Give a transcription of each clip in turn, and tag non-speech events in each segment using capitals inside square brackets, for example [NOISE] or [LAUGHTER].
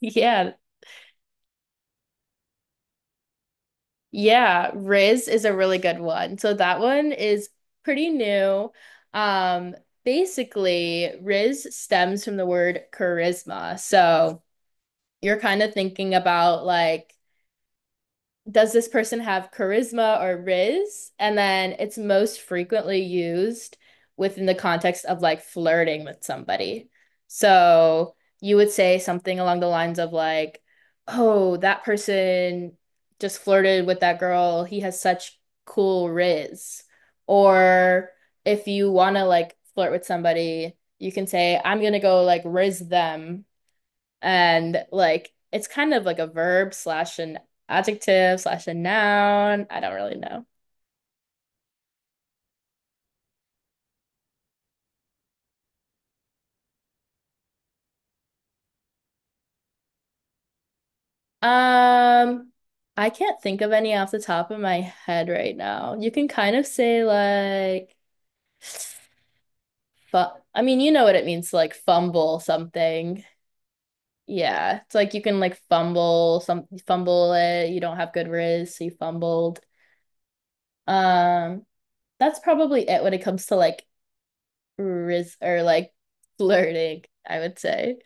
Yeah. Yeah. Riz is a really good one. So that one is pretty new. Um, basically, Riz stems from the word charisma. So you're kind of thinking about like, does this person have charisma or riz? And then it's most frequently used within the context of like flirting with somebody. So you would say something along the lines of like, oh, that person just flirted with that girl. He has such cool riz. Or if you want to like flirt with somebody, you can say, I'm gonna go like riz them, and like it's kind of like a verb slash an adjective slash a noun. I don't really know. Um, I can't think of any off the top of my head right now. You can kind of say like I mean, you know what it means to like fumble something. Yeah, it's like you can like fumble it. You don't have good riz, so you fumbled. Um, that's probably it when it comes to like riz or like [LAUGHS] flirting, I would say.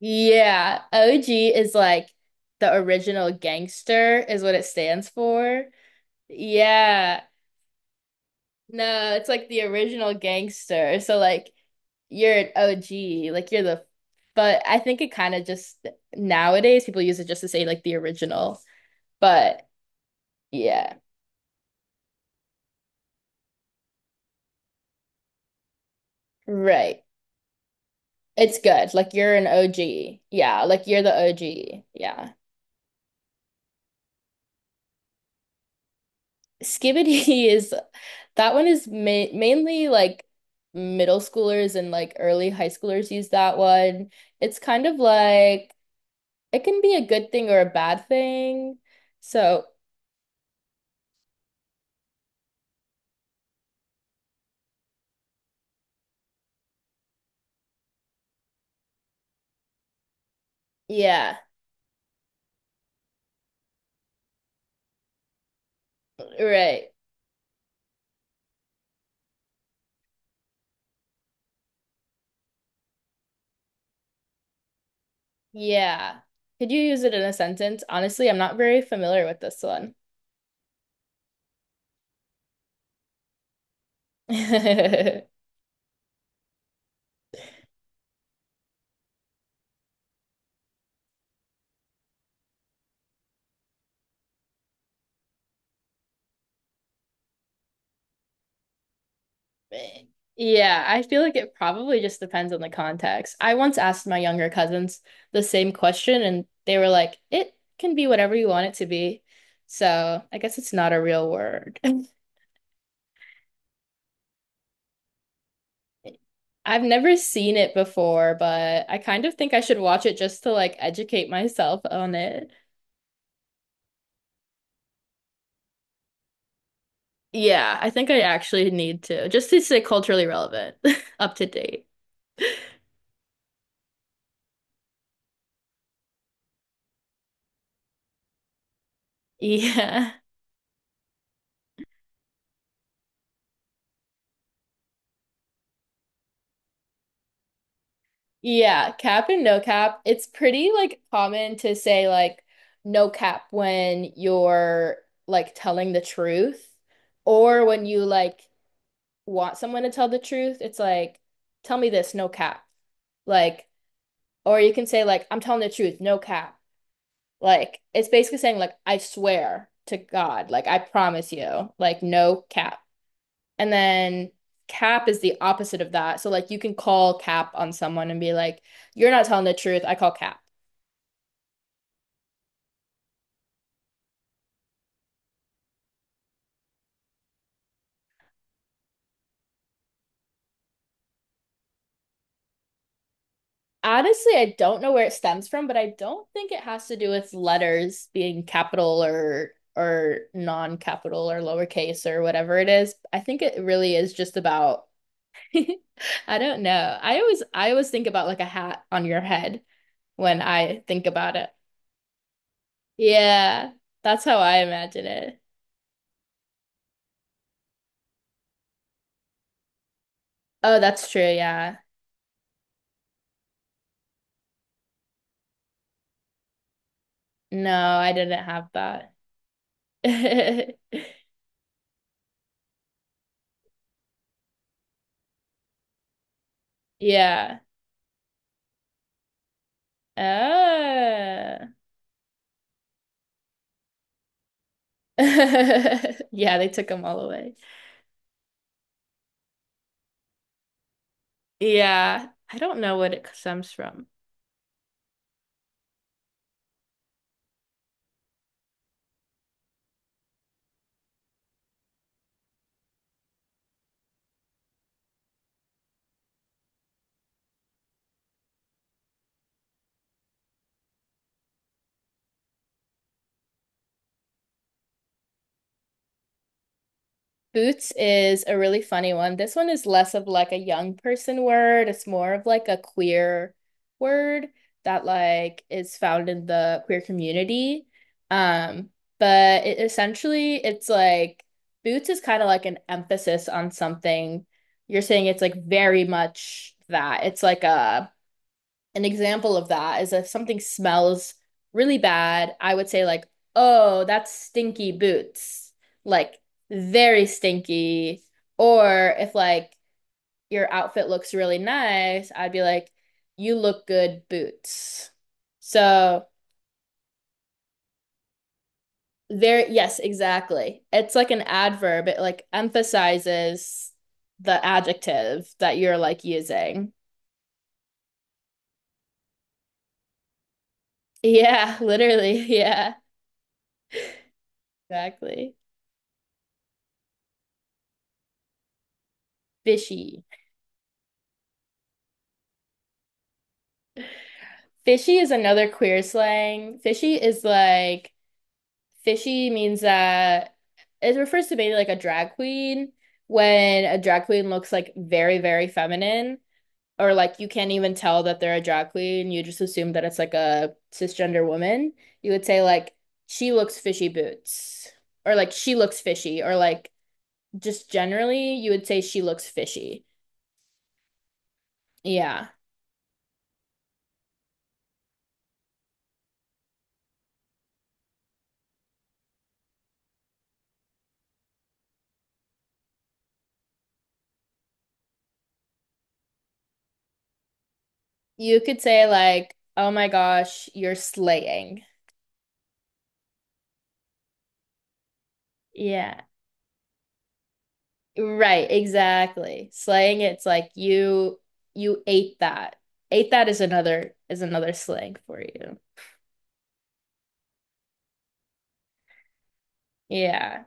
Yeah, OG is like the original gangster is what it stands for. Yeah. No, it's like the original gangster. So like you're an OG, like you're the— but I think it kind of just nowadays people use it just to say like the original. But yeah, right. It's good. Like you're an OG. Yeah, like you're the OG. Yeah. Skibbity [LAUGHS] is— that one is ma mainly like middle schoolers and like early high schoolers use that one. It's kind of like it can be a good thing or a bad thing. So, yeah, right. Yeah. Could you use it in a sentence? Honestly, I'm not very familiar with this one. [LAUGHS] thing. Yeah, I feel like it probably just depends on the context. I once asked my younger cousins the same question, and they were like, it can be whatever you want it to be. So I guess it's not a real word. [LAUGHS] I've never seen it before, but I kind of think I should watch it just to like educate myself on it. Yeah, I think I actually need to, just to stay culturally relevant, [LAUGHS] up to date. Yeah. Yeah, cap and no cap. It's pretty like common to say like no cap when you're like telling the truth or when you like want someone to tell the truth. It's like, tell me this, no cap. Like, or you can say like, I'm telling the truth, no cap. Like it's basically saying like, I swear to God, like I promise you, like no cap. And then cap is the opposite of that. So like you can call cap on someone and be like, you're not telling the truth. I call cap. Honestly, I don't know where it stems from, but I don't think it has to do with letters being capital or non-capital or lowercase or whatever it is. I think it really is just about— [LAUGHS] I don't know. I always think about like a hat on your head when I think about it. Yeah, that's how I imagine it. Oh, that's true, yeah. No, I didn't have that. [LAUGHS] Yeah. Ah. [LAUGHS] Yeah, they took them all away. Yeah, I don't know what it stems from. Boots is a really funny one. This one is less of like a young person word. It's more of like a queer word that like is found in the queer community. Um, but it essentially it's like boots is kind of like an emphasis on something. You're saying it's like very much that. It's like a an example of that is if something smells really bad, I would say like, "Oh, that's stinky boots." Like very stinky. Or if like your outfit looks really nice, I'd be like, "You look good, boots." So, there— yes, exactly. It's like an adverb. It like emphasizes the adjective that you're like using. [LAUGHS] Yeah, literally. Yeah, exactly. Fishy. Fishy is another queer slang. Fishy is like— fishy means that it refers to maybe like a drag queen, when a drag queen looks like very, very feminine, or like you can't even tell that they're a drag queen. You just assume that it's like a cisgender woman. You would say like, she looks fishy boots, or like she looks fishy, or like just generally you would say she looks fishy. Yeah. You could say like, oh my gosh, you're slaying. Yeah. Right, exactly. Slaying, it's like you ate that. Ate that is another slang for you. Yeah,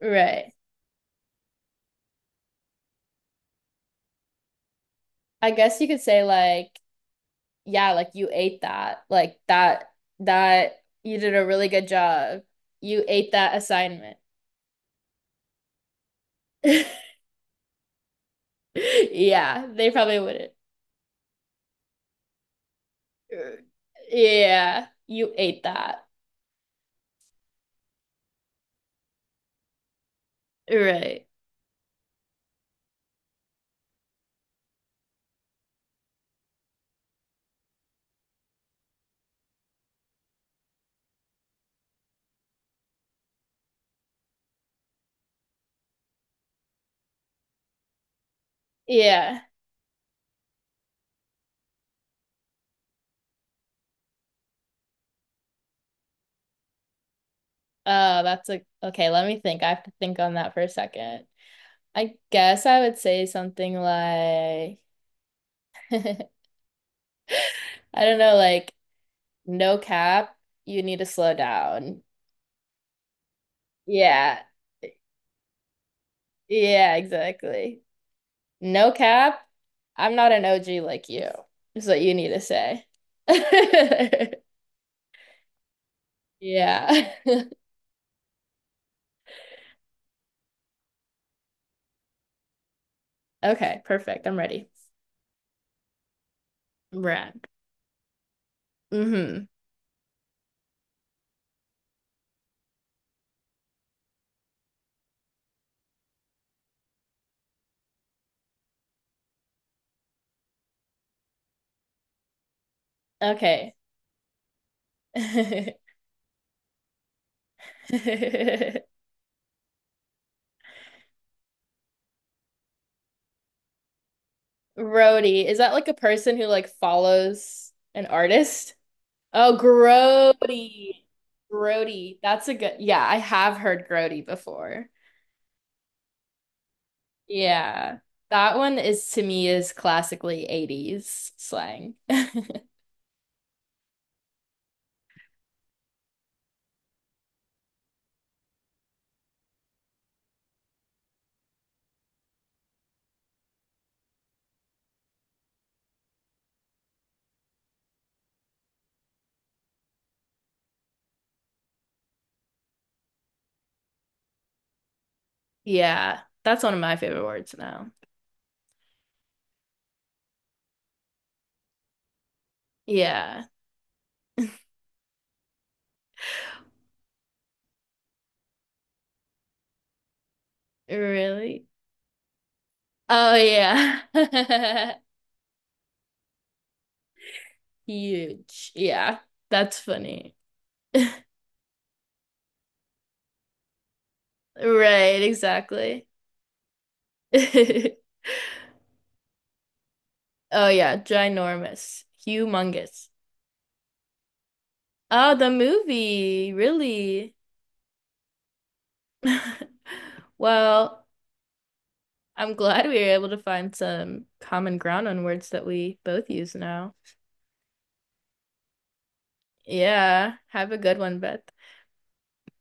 right. I guess you could say like, yeah, like you ate that. Like that you did a really good job. You ate that assignment. [LAUGHS] Yeah, they probably wouldn't. Yeah, you ate that. Right. Yeah. That's a— okay, let me think. I have to think on that for a second. I guess I would say something like, [LAUGHS] I don't know, like, no cap, you need to slow down. Yeah. Yeah, exactly. No cap, I'm not an OG like you, is what you need to say. [LAUGHS] Yeah. [LAUGHS] Okay, perfect. I'm ready. Rad. Mm-hmm. Okay. [LAUGHS] Roadie, is that like a person who like follows an artist? Oh, Grody. Grody. That's a good. Yeah, I have heard Grody before. Yeah. That one is to me is classically 80s slang. [LAUGHS] Yeah. That's one of my favorite words now. Yeah. Really? Oh yeah. [LAUGHS] Huge. Yeah. That's funny. [LAUGHS] Right, exactly. [LAUGHS] Oh yeah, ginormous. Humongous. Oh, the movie. Really? [LAUGHS] Well, I'm glad we were able to find some common ground on words that we both use now. Yeah, have a good one, Beth.